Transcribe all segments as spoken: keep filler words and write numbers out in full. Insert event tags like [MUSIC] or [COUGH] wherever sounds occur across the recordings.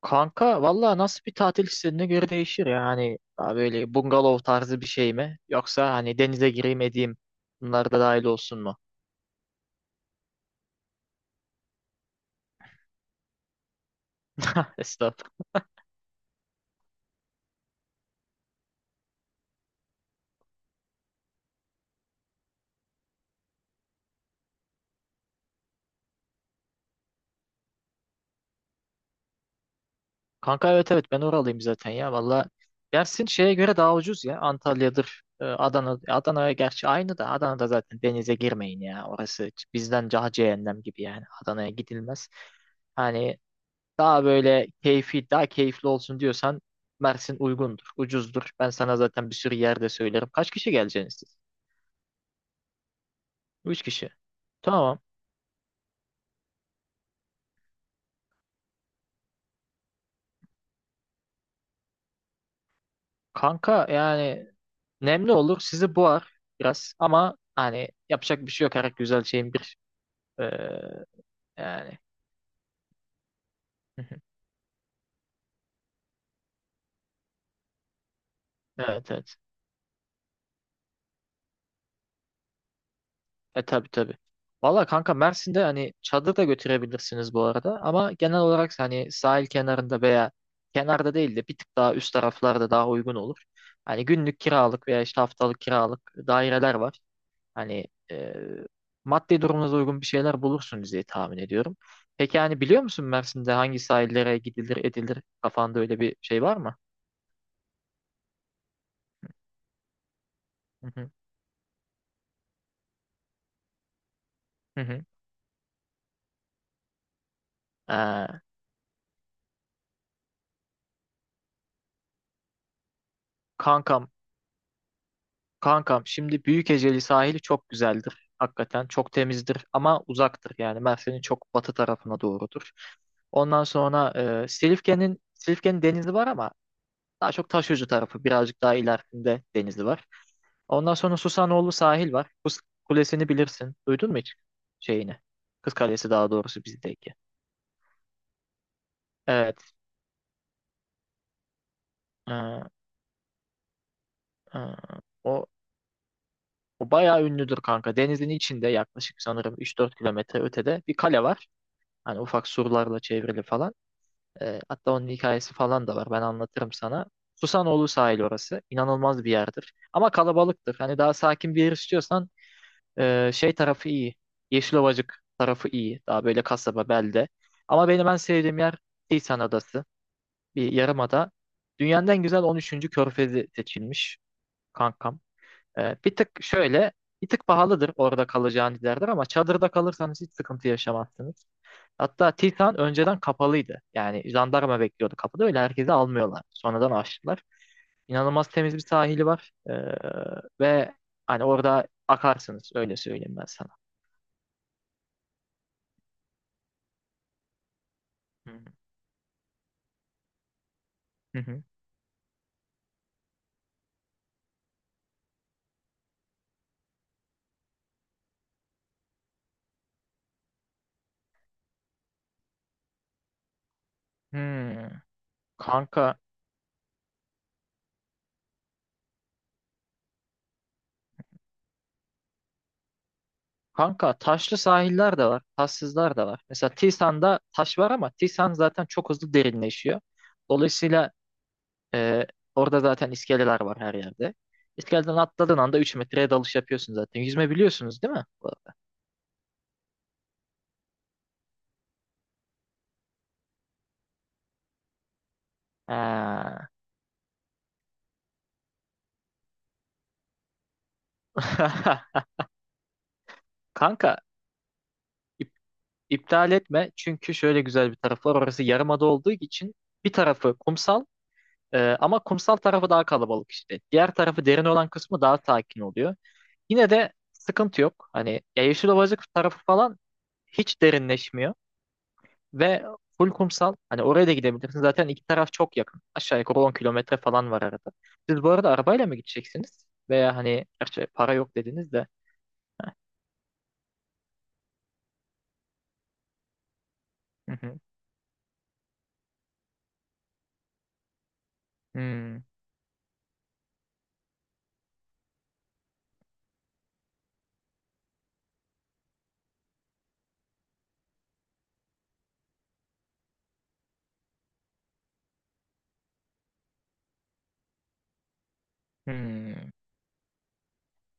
Kanka valla nasıl bir tatil istediğine göre değişir ya. Hani daha böyle bungalov tarzı bir şey mi? Yoksa hani denize gireyim edeyim bunlar da dahil olsun mu? [LAUGHS] Estağfurullah. Kanka evet evet ben oralıyım zaten ya valla. Dersin şeye göre daha ucuz ya. Antalya'dır, e, Adana. Adana'ya gerçi aynı da Adana'da zaten denize girmeyin ya. Orası bizden daha cehennem gibi yani. Adana'ya gidilmez. Hani daha böyle keyfi, daha keyifli olsun diyorsan Mersin uygundur, ucuzdur. Ben sana zaten bir sürü yerde söylerim. Kaç kişi geleceksiniz siz? Üç kişi. Tamam. Kanka yani nemli olur. Sizi boğar biraz ama hani yapacak bir şey yok. Her güzel şeyin bir eee, yani. [LAUGHS] Evet evet. E tabi tabi. Valla kanka Mersin'de hani çadır da götürebilirsiniz bu arada. Ama genel olarak hani sahil kenarında veya kenarda değil de bir tık daha üst taraflarda daha uygun olur. Hani günlük kiralık veya işte haftalık kiralık daireler var. Hani e, maddi durumunuza uygun bir şeyler bulursunuz diye tahmin ediyorum. Peki hani biliyor musun Mersin'de hangi sahillere gidilir edilir? Kafanda öyle bir şey var mı? Hı hı. Hı hı. Ee, kankam Kankam şimdi Büyükeceli sahili çok güzeldir. Hakikaten çok temizdir ama uzaktır. Yani Mersin'in çok batı tarafına doğrudur. Ondan sonra e, Silifke'nin Silifke'nin denizi var ama daha çok Taşucu tarafı birazcık daha ilerisinde denizi var. Ondan sonra Susanoğlu sahil var. Kız Kulesi'ni bilirsin. Duydun mu hiç şeyini? Kız Kalesi daha doğrusu bizdeki. Evet. e, e, o, O bayağı ünlüdür kanka. Denizin içinde yaklaşık sanırım üç dört kilometre ötede bir kale var. Hani ufak surlarla çevrili falan. E, hatta onun hikayesi falan da var. Ben anlatırım sana. Susanoğlu sahil orası. İnanılmaz bir yerdir. Ama kalabalıktır. Hani daha sakin bir yer istiyorsan e, şey tarafı iyi. Yeşilovacık tarafı iyi. Daha böyle kasaba, belde. Ama benim en sevdiğim yer Tisan Adası. Bir yarımada. Dünyanın en güzel on üçüncü körfezi seçilmiş kankam. E, bir tık şöyle, bir tık pahalıdır orada kalacağın yerler ama çadırda kalırsanız hiç sıkıntı yaşamazsınız. Hatta Titan önceden kapalıydı. Yani jandarma bekliyordu kapıda. Öyle herkesi almıyorlar. Sonradan açtılar. İnanılmaz temiz bir sahili var. Ee, ve hani orada akarsınız. Öyle söyleyeyim ben sana. Hı hı. Hmm. Kanka, kanka taşlı sahiller de var. Taşsızlar da var. Mesela Tisan'da taş var ama Tisan zaten çok hızlı derinleşiyor. Dolayısıyla e, orada zaten iskeleler var her yerde. İskeleden atladığın anda üç metreye dalış yapıyorsun zaten. Yüzme biliyorsunuz değil mi? Ha. [LAUGHS] Kanka ip- iptal etme çünkü şöyle güzel bir tarafı var. Orası yarımada olduğu için bir tarafı kumsal e, ama kumsal tarafı daha kalabalık işte. Diğer tarafı derin olan kısmı daha sakin oluyor. Yine de sıkıntı yok. Hani ya Yeşilovacık tarafı falan hiç derinleşmiyor ve full kumsal. Hani oraya da gidebilirsin. Zaten iki taraf çok yakın. Aşağı yukarı on kilometre falan var arada. Siz bu arada arabayla mı gideceksiniz? Veya hani gerçi para yok dediniz de. Hı hı. Hmm, hmm.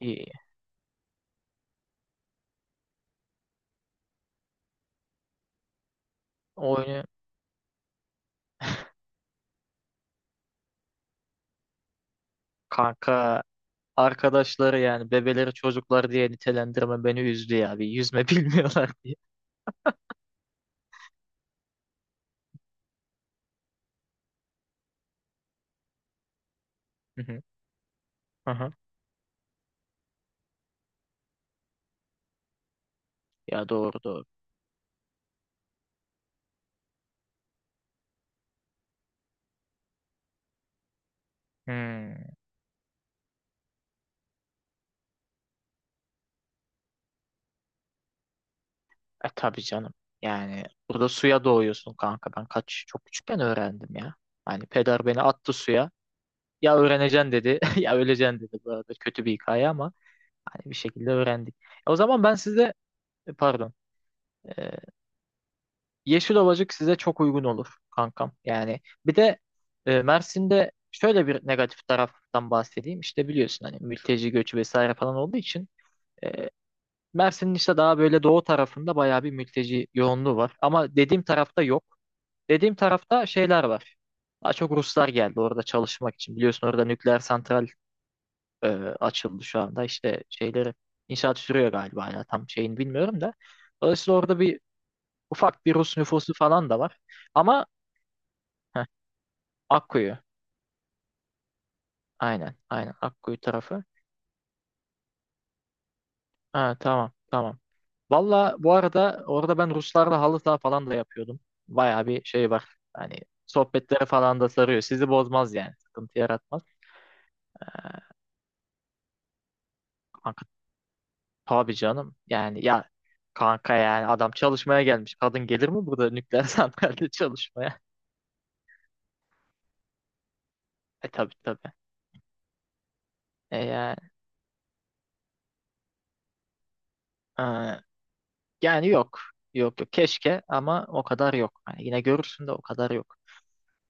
İyi. Oyunu kanka arkadaşları yani bebeleri çocuklar diye nitelendirme beni üzdü ya. Bir yüzme [LAUGHS] bilmiyorlar diye. Hı hı, hı hı. Ya doğru doğru. Hmm. E tabii canım. Yani burada suya doğuyorsun kanka. Ben kaç çok küçükken öğrendim ya. Hani peder beni attı suya. Ya öğreneceksin dedi [LAUGHS] ya öleceksin dedi. Bu arada kötü bir hikaye ama hani bir şekilde öğrendik. E, o zaman ben size e, pardon. e, Yeşil Ovacık size çok uygun olur kankam. Yani bir de e, Mersin'de şöyle bir negatif taraftan bahsedeyim. İşte biliyorsun hani mülteci göçü vesaire falan olduğu için e, Mersin'in işte daha böyle doğu tarafında bayağı bir mülteci yoğunluğu var. Ama dediğim tarafta yok. Dediğim tarafta şeyler var. Daha çok Ruslar geldi orada çalışmak için. Biliyorsun orada nükleer santral e, açıldı şu anda. İşte şeyleri inşaat sürüyor galiba hala tam şeyini bilmiyorum da. Dolayısıyla orada bir ufak bir Rus nüfusu falan da var. Ama Akkuyu. Aynen. Aynen. Akkuyu tarafı. Ha, tamam. Tamam. Valla bu arada orada ben Ruslarla halı saha falan da yapıyordum. Baya bir şey var. Hani sohbetlere falan da sarıyor. Sizi bozmaz yani. Sıkıntı yaratmaz. Kanka tabii canım. Yani ya kanka yani adam çalışmaya gelmiş. Kadın gelir mi burada nükleer [LAUGHS] santralde çalışmaya? E tabii tabii. E, yani, e, yani yok. Yok yok. Keşke ama o kadar yok. Hani yine görürsün de o kadar yok.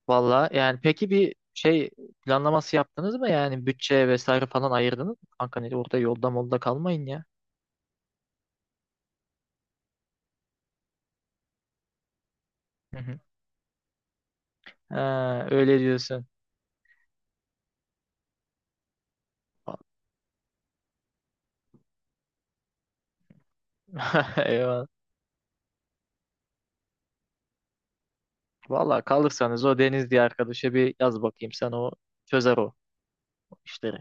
Valla yani peki bir şey planlaması yaptınız mı yani bütçe vesaire falan ayırdınız mı? Kanka ne orada yolda molda kalmayın ya. Hı hı. Ha, öyle diyorsun. [LAUGHS] Eyvallah. Valla kalırsanız o Deniz diye arkadaşa bir yaz bakayım sen o çözer o işleri.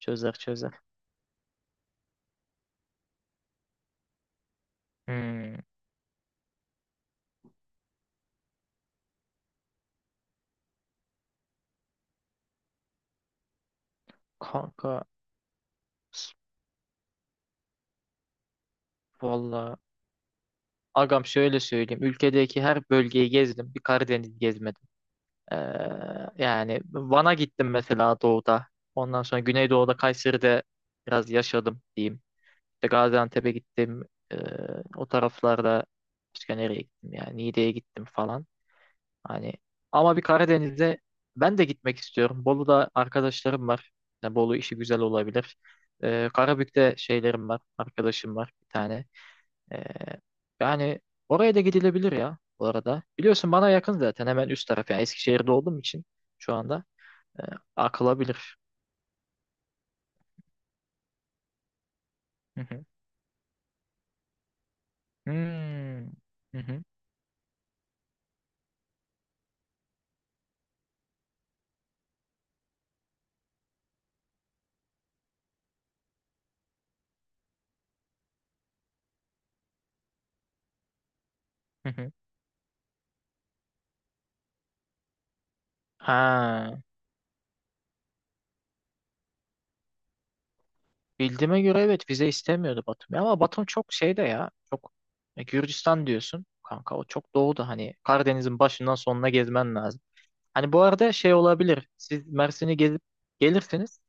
Çözer çözer. Hmm. Kanka s- valla agam şöyle söyleyeyim. Ülkedeki her bölgeyi gezdim. Bir Karadeniz gezmedim. Ee, Yani Van'a gittim mesela doğuda. Ondan sonra Güneydoğu'da Kayseri'de biraz yaşadım diyeyim. İşte Gaziantep'e gittim. Ee, O taraflarda başka nereye gittim yani Niğde'ye gittim falan. Hani ama bir Karadeniz'e ben de gitmek istiyorum. Bolu'da arkadaşlarım var. Yani Bolu işi güzel olabilir. Ee, Karabük'te şeylerim var. Arkadaşım var bir tane. Ee, Yani oraya da gidilebilir ya bu arada. Biliyorsun bana yakın zaten hemen üst taraf. Yani Eskişehir'de olduğum için şu anda e, akılabilir. Hı hı. Hmm. Hı hı. Hı hı. Ha, bildiğime göre evet vize istemiyordu Batum. Ama Batum çok şeyde ya. Çok e, Gürcistan diyorsun. Kanka o çok doğuda hani Karadeniz'in başından sonuna gezmen lazım. Hani bu arada şey olabilir. Siz Mersin'i gezip gelirsiniz.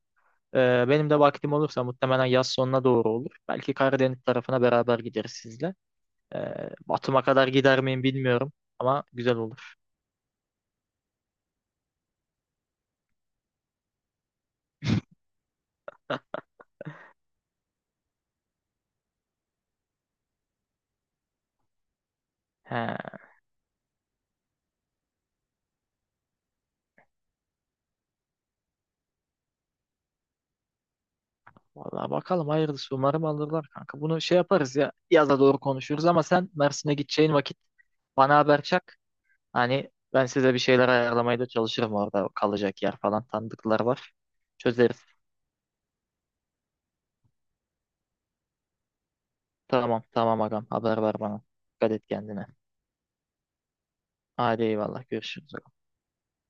Ee, benim de vaktim olursa muhtemelen yaz sonuna doğru olur. Belki Karadeniz tarafına beraber gideriz sizle. Ee, Batum'a kadar gider miyim bilmiyorum ama güzel olur. He, vallahi bakalım hayırlısı umarım alırlar kanka. Bunu şey yaparız ya yaza doğru konuşuruz ama sen Mersin'e gideceğin vakit bana haber çak. Hani ben size bir şeyler ayarlamaya da çalışırım orada kalacak yer falan tanıdıklar var. Çözeriz. Tamam tamam agam haber ver bana. Dikkat et kendine. Hadi eyvallah görüşürüz.